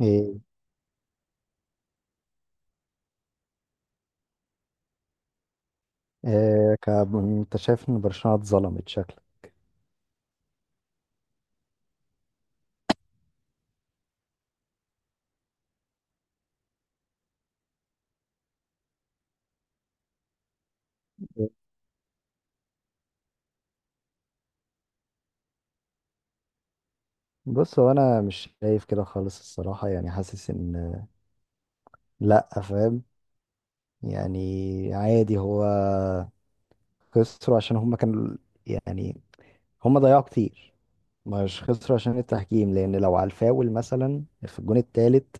ايه. انت شايف ان برشلونة اتظلمت شكلك؟ بص، هو انا مش شايف كده خالص الصراحة، يعني حاسس ان، لا فاهم، يعني عادي هو خسروا عشان هم كانوا، يعني هم ضيعوا كتير، مش خسروا عشان التحكيم لان لو على الفاول مثلا في الجون التالت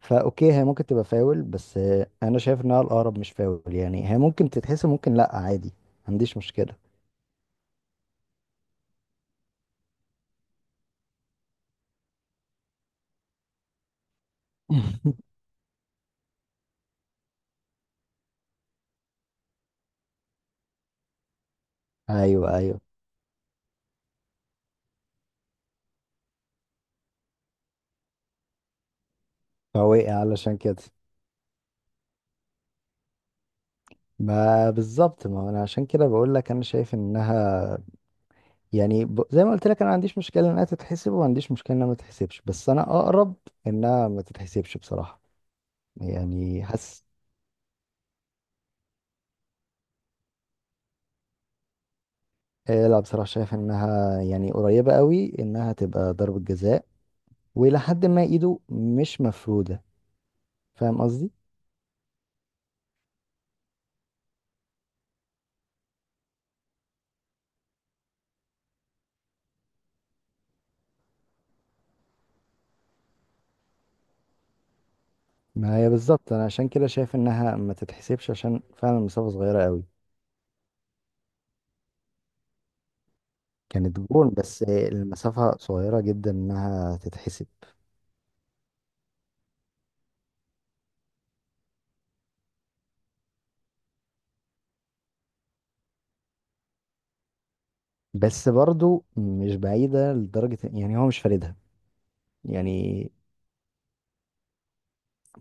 فاوكي هي ممكن تبقى فاول، بس انا شايف انها الاقرب مش فاول، يعني هي ممكن تتحسب ممكن لا، عادي ما عنديش مشكلة. ايوه، ايوه، فوقع علشان كده. ما بالظبط، ما انا عشان كده بقول لك انا شايف انها يعني زي ما قلت لك انا ما عنديش مشكله انها تتحسب وما عنديش مشكله انها ما تتحسبش، بس انا اقرب انها ما تتحسبش بصراحه، يعني حاسس. لا بصراحه شايف انها يعني قريبه قوي انها تبقى ضربه جزاء، والى حد ما ايده مش مفروده، فاهم قصدي؟ ما هي بالظبط انا عشان كده شايف انها ما تتحسبش عشان فعلا المسافه صغيره قوي. كانت جون بس المسافه صغيره جدا انها تتحسب. بس برضو مش بعيدة لدرجة، يعني هو مش فاردها. يعني،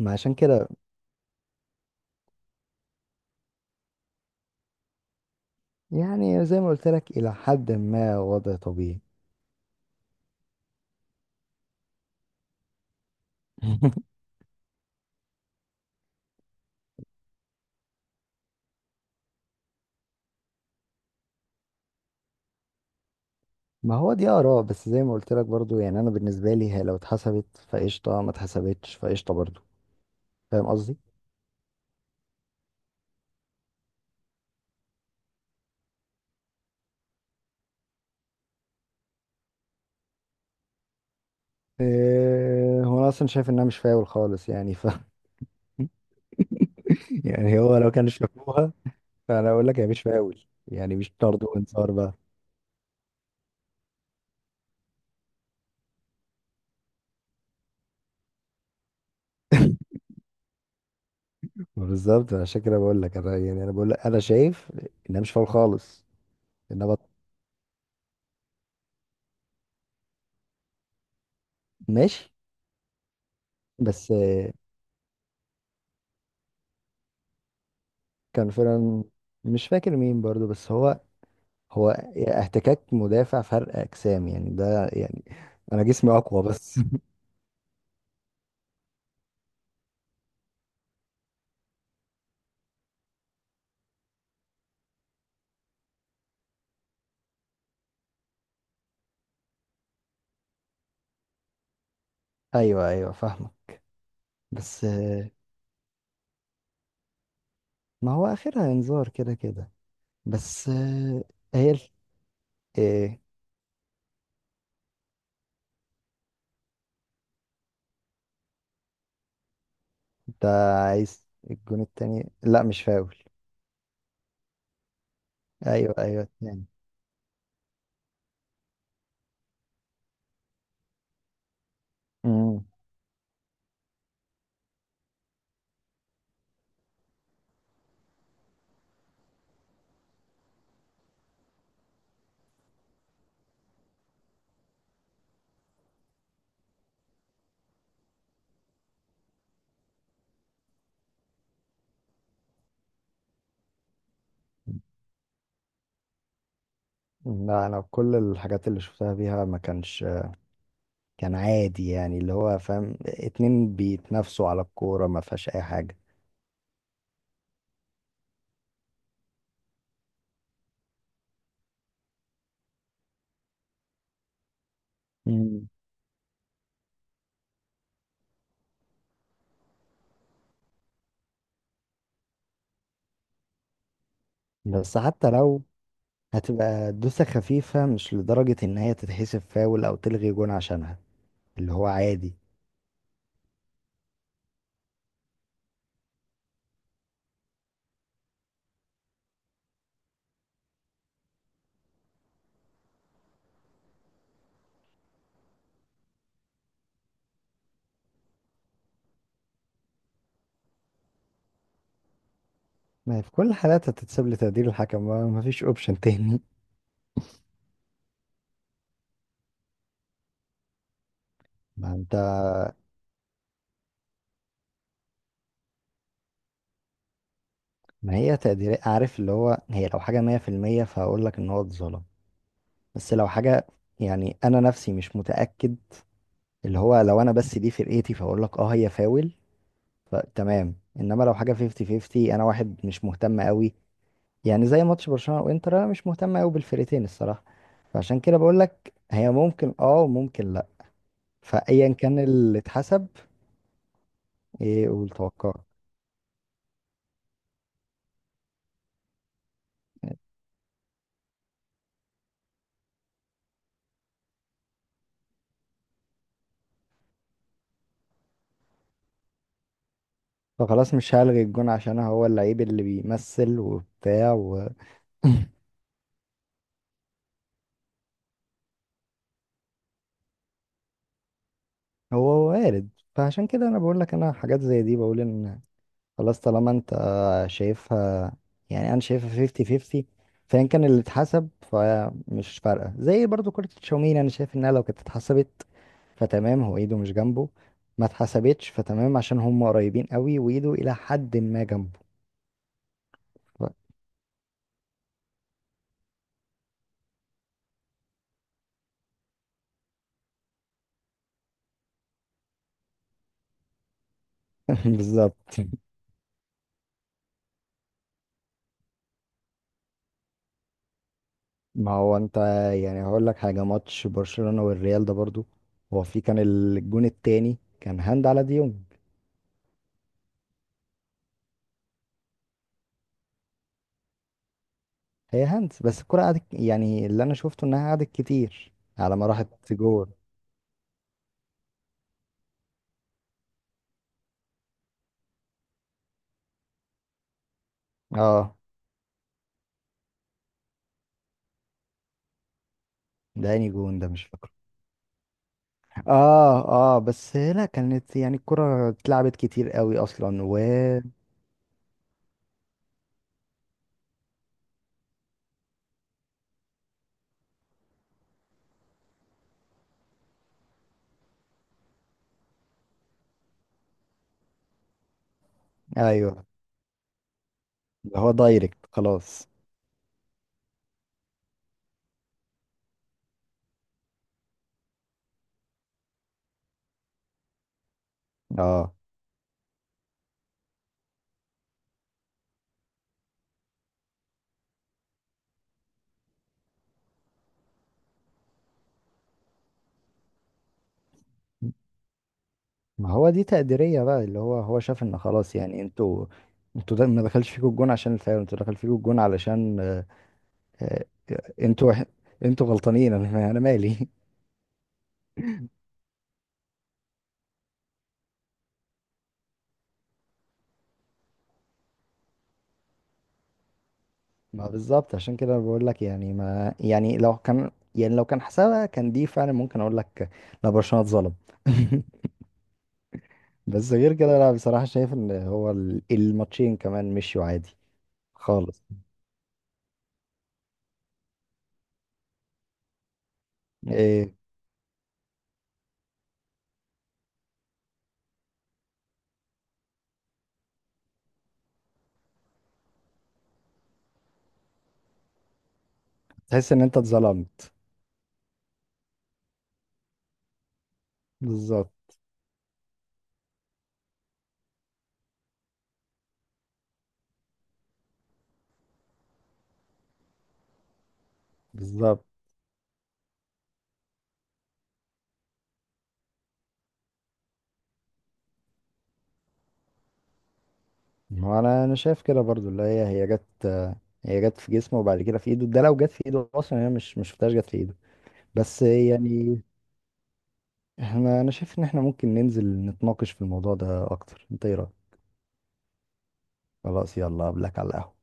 ما عشان كده، يعني زي ما قلت لك إلى حد ما وضع طبيعي. ما هو دي آراء، بس زي ما قلت لك برضو، يعني أنا بالنسبة لي هي لو اتحسبت فقشطة، ما اتحسبتش فقشطة برضو. فاهم قصدي؟ إيه، هو أنا أصلا شايف إنها مش فاول خالص يعني، ف يعني هو لو كان شافوها، فأنا أقول لك هي مش فاول، يعني مش طرد وإنذار بقى. بالظبط، عشان كده بقول لك أنا، يعني أنا بقول لك أنا شايف إنها مش فاول خالص. النبط ماشي، بس آه، كان فعلا مش فاكر مين برضو، بس هو، هو احتكاك مدافع، فرق اجسام، يعني ده يعني انا جسمي اقوى بس. ايوه، ايوه، فاهمه. بس آه، ما هو اخرها انذار كده كده. بس آه، هي ال- ايه؟ انت عايز الجون التاني؟ لا مش فاول. ايوه، ايوه، التاني. امم. لا انا كل الحاجات اللي شفتها بيها ما كانش، كان عادي يعني، اللي هو فاهم، اتنين بيتنافسوا على الكورة، ما فيهاش اي حاجة. مم. بس حتى لو، هتبقى دوسة خفيفة مش لدرجة ان هي تتحسب فاول او تلغي جون عشانها، اللي هو عادي. ما هي في كل الحالات هتتساب لتقدير الحكم، ما فيش اوبشن تاني. ما انت، ما هي تقدير، عارف اللي هو هي لو حاجة مية في المية فهقول لك ان هو اتظلم، بس لو حاجة، يعني انا نفسي مش متأكد، اللي هو لو انا بس دي فرقتي فاقول لك اه هي فاول فتمام، انما لو حاجه 50 50، انا واحد مش مهتم قوي، يعني زي ماتش برشلونه وانتر انا مش مهتم قوي بالفرقتين الصراحه، فعشان كده بقول لك هي ممكن اه وممكن لا، فايا كان اللي اتحسب. ايه، والتوقع، فخلاص مش هلغي الجون عشان هو اللعيب اللي بيمثل وبتاع وهو، وارد. فعشان كده انا بقول لك انا حاجات زي دي بقول ان خلاص، طالما انت شايفها، يعني انا شايفها 50 50، فان كان اللي اتحسب فمش فارقه. زي برضو كره تشاوميني، انا شايف انها لو كانت اتحسبت فتمام، هو ايده مش جنبه، ما اتحسبتش فتمام عشان هم قريبين قوي وايده الى حد ما جنبه. ف- بالظبط. ما هو انت، يعني هقول لك حاجه، ماتش برشلونه والريال ده برضو، هو في، كان الجون التاني كان هاند على ديونج. هي هاند، بس الكره قعدت يعني، اللي انا شفته انها قعدت كتير على ما راحت جول. اه ده اني جون ده مش فاكره. اه اه، بس لا كانت يعني الكرة اتلعبت كتير قوي اصلا و. ايوه، اللي هو دايركت خلاص. اه، ما هو دي تقديرية بقى، اللي هو هو شاف ان خلاص يعني انتوا، انتوا ده ما دخلش فيكم الجون عشان الفاول، انتوا دخل فيكم الجون علشان آه، آه، انتوا انتوا غلطانين، انا مالي. ما بالظبط، عشان كده أنا بقول لك، يعني ما، يعني لو كان، يعني لو كان حسابها كان دي فعلا ممكن اقول لك لا برشلونة اتظلم، بس غير كده لا بصراحة شايف ان هو الماتشين كمان مشيوا عادي خالص. إيه، تحس ان انت اتظلمت؟ بالظبط. بالظبط، ما انا شايف كده برضو، اللي هي هي جت، هي جت في جسمه وبعد كده في ايده، ده لو جت في ايده اصلا، هي مش شفتهاش جت في ايده. بس يعني، احنا، انا شايف ان احنا ممكن ننزل نتناقش في الموضوع ده اكتر، انت ايه رأيك؟ خلاص، يلا قبلك على القهوة.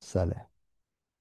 سلام.